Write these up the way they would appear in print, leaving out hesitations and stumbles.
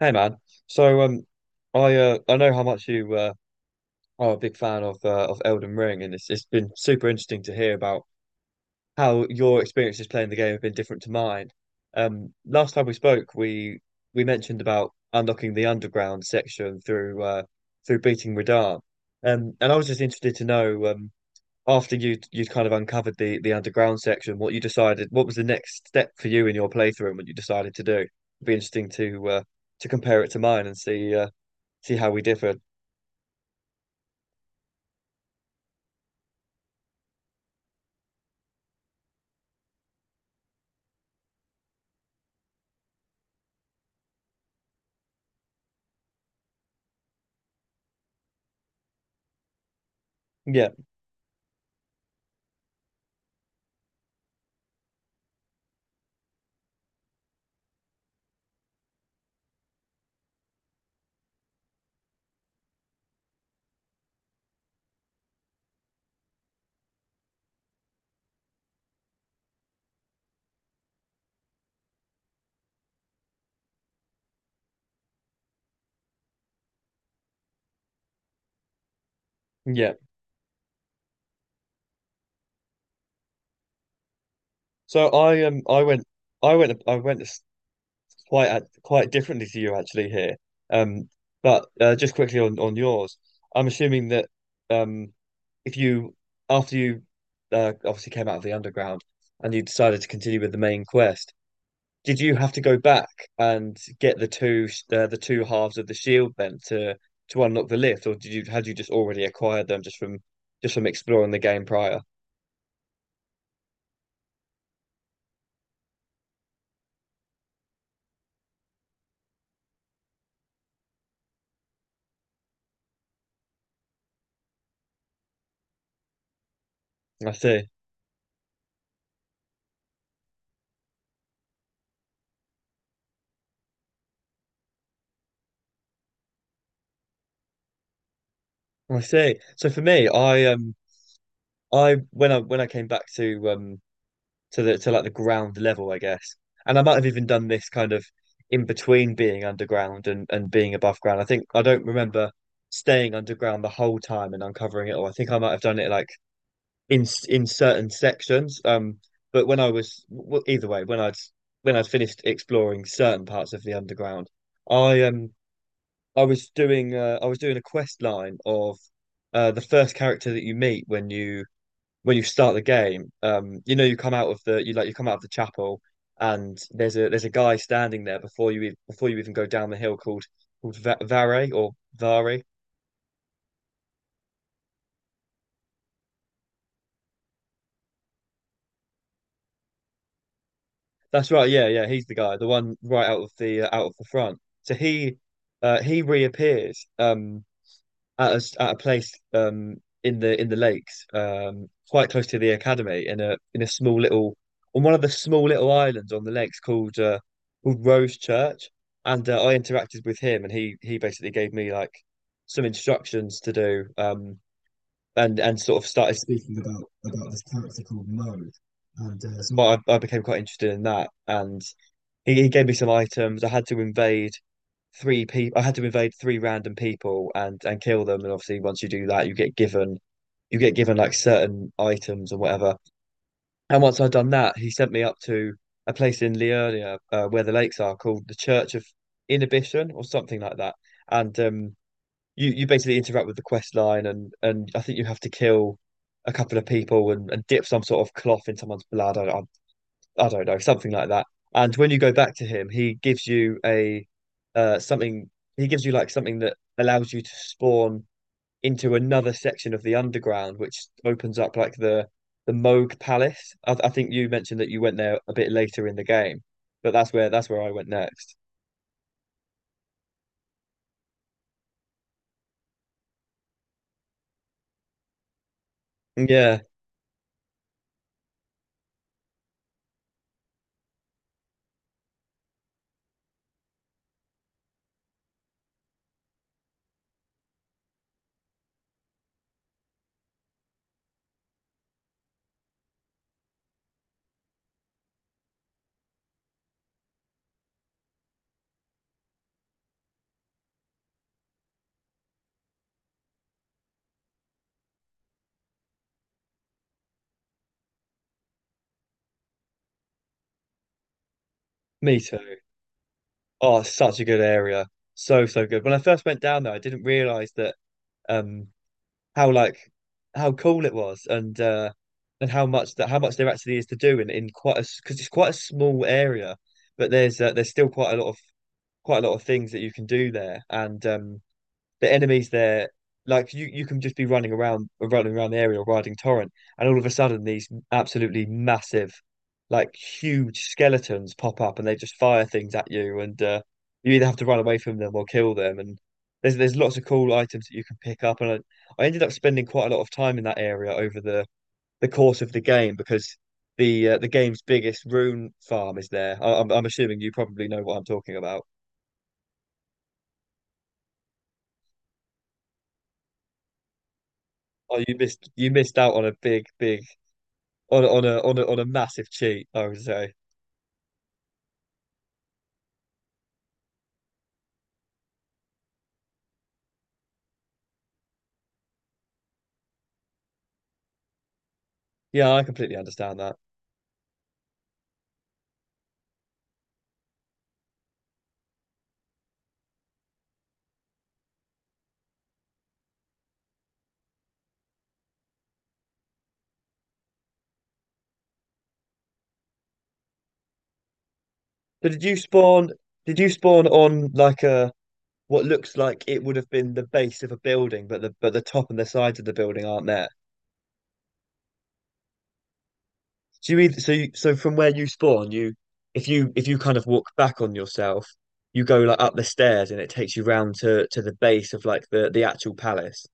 Hey man, so um, I know how much you are a big fan of Elden Ring, and it's been super interesting to hear about how your experiences playing the game have been different to mine. Last time we spoke, we mentioned about unlocking the underground section through through beating Radahn, and I was just interested to know after you would you'd kind of uncovered the underground section, what you decided, what was the next step for you in your playthrough, and what you decided to do. It'd be interesting to compare it to mine and see. See how we differ. Yeah, yeah. So I I went quite differently to you actually here. Um, but just quickly on yours, I'm assuming that um if you after you obviously came out of the underground and you decided to continue with the main quest, did you have to go back and get the the two halves of the shield then to unlock the lift, or did you had you just already acquired them just from exploring the game prior? I see. I see. So for me, I when I came back to the to like the ground level, I guess, and I might have even done this kind of in between being underground and being above ground. I think I don't remember staying underground the whole time and uncovering it all. I think I might have done it like in certain sections. But when I was well, either way, when I'd finished exploring certain parts of the underground, I I was doing a quest line of the first character that you meet when you start the game. You know, you come out of the you come out of the chapel, and there's a guy standing there before you even go down the hill called Va Vare or Vare. That's right. Yeah, yeah. He's the guy, the one right out of the front. So he reappears. At at a place in the lakes quite close to the academy in a small little on one of the small little islands on the lakes called called Rose Church and I interacted with him and he basically gave me like some instructions to do and sort of started speaking about this character called Mode and so I became quite interested in that and he gave me some items. I had to invade three people. I had to invade three random people and kill them. And obviously, once you do that, you get given like certain items or whatever. And once I'd done that, he sent me up to a place in Liurnia where the lakes are called the Church of Inhibition or something like that. And you you basically interact with the quest line, and I think you have to kill a couple of people, and dip some sort of cloth in someone's blood. I don't know, something like that. And when you go back to him, he gives you a something he gives you like something that allows you to spawn into another section of the underground, which opens up like the Moog Palace. I think you mentioned that you went there a bit later in the game, but that's where I went next. Yeah, me too. Oh, it's such a good area. So, so good. When I first went down there, I didn't realize that um how like how cool it was and how much that how much there actually is to do in quite a because it's quite a small area but there's still quite a lot of things that you can do there and the enemies there, like you can just be running around the area, or riding torrent, and all of a sudden these absolutely massive, like huge skeletons pop up, and they just fire things at you, and you either have to run away from them or kill them. And there's lots of cool items that you can pick up, and I ended up spending quite a lot of time in that area over the course of the game because. The game's biggest rune farm is there. I'm assuming you probably know what I'm talking about. Oh, you missed out on a big, big on a massive cheat, I would say. Yeah, I completely understand that. So did you spawn on like a what looks like it would have been the base of a building, but the top and the sides of the building aren't there? So you either, so you, so from where you spawn, you if you kind of walk back on yourself, you go like up the stairs and it takes you round to the base of like the actual palace.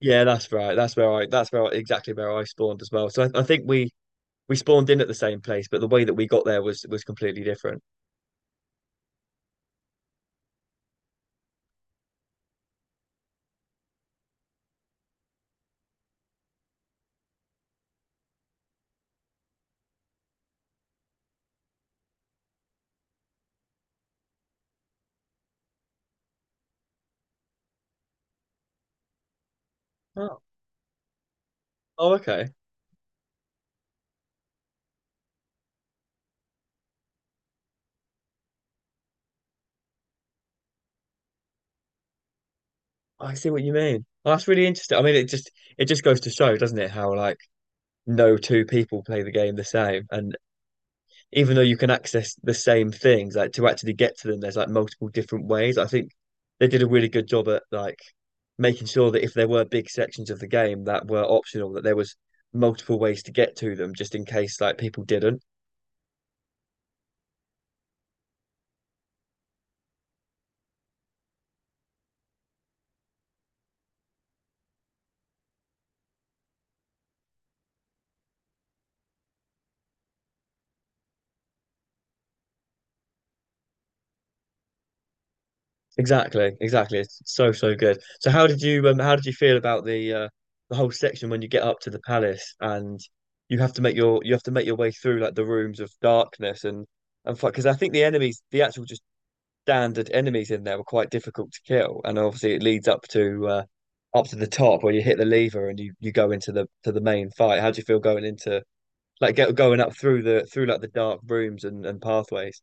Yeah, that's right. That's where exactly where I spawned as well. So I think we spawned in at the same place, but the way that we got there was completely different. Oh, oh, okay. Oh, I see what you mean. Oh, that's really interesting. I mean, it just goes to show, doesn't it, how like no two people play the game the same. And even though you can access the same things, like to actually get to them, there's like multiple different ways. I think they did a really good job at like making sure that if there were big sections of the game that were optional, that there was multiple ways to get to them, just in case like people didn't. Exactly, exactly. It's so so good. So how did you feel about the whole section when you get up to the palace and you have to make your way through like the rooms of darkness and because I think the actual just standard enemies in there were quite difficult to kill and obviously it leads up to up to the top where you hit the lever and you go into the to the main fight. How do you feel going into like going up through the through like the dark rooms and pathways?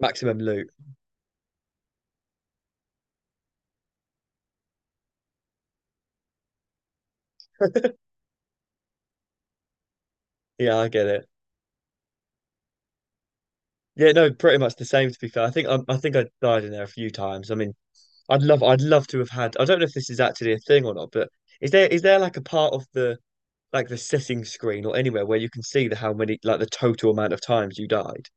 Maximum loot. Yeah, I get it. Yeah, no, pretty much the same to be fair. I think I died in there a few times. I mean, I'd love to have had I don't know if this is actually a thing or not, but is there like a part of the like the setting screen or anywhere where you can see the how many like the total amount of times you died?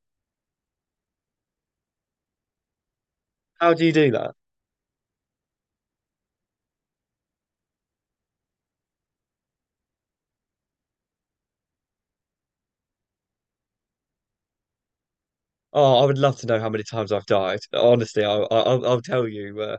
How do you do that? Oh, I would love to know how many times I've died. Honestly, I'll tell you.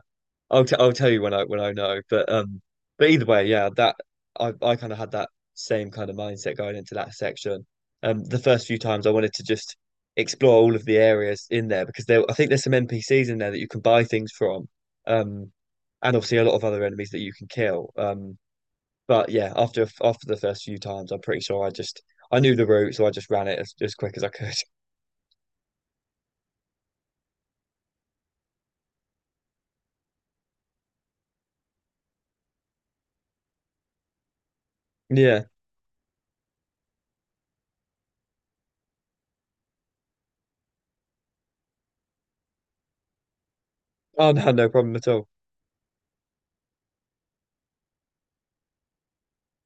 I'll tell you when I know. But either way, yeah, that I kind of had that same kind of mindset going into that section. The first few times I wanted to just explore all of the areas in there because there I think there's some NPCs in there that you can buy things from. Um, and obviously a lot of other enemies that you can kill. But yeah, after the first few times, I'm pretty sure I knew the route, so I just ran it as quick as I could. Yeah. Oh no, no problem at all.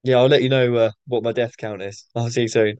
Yeah, I'll let you know what my death count is. I'll see you soon.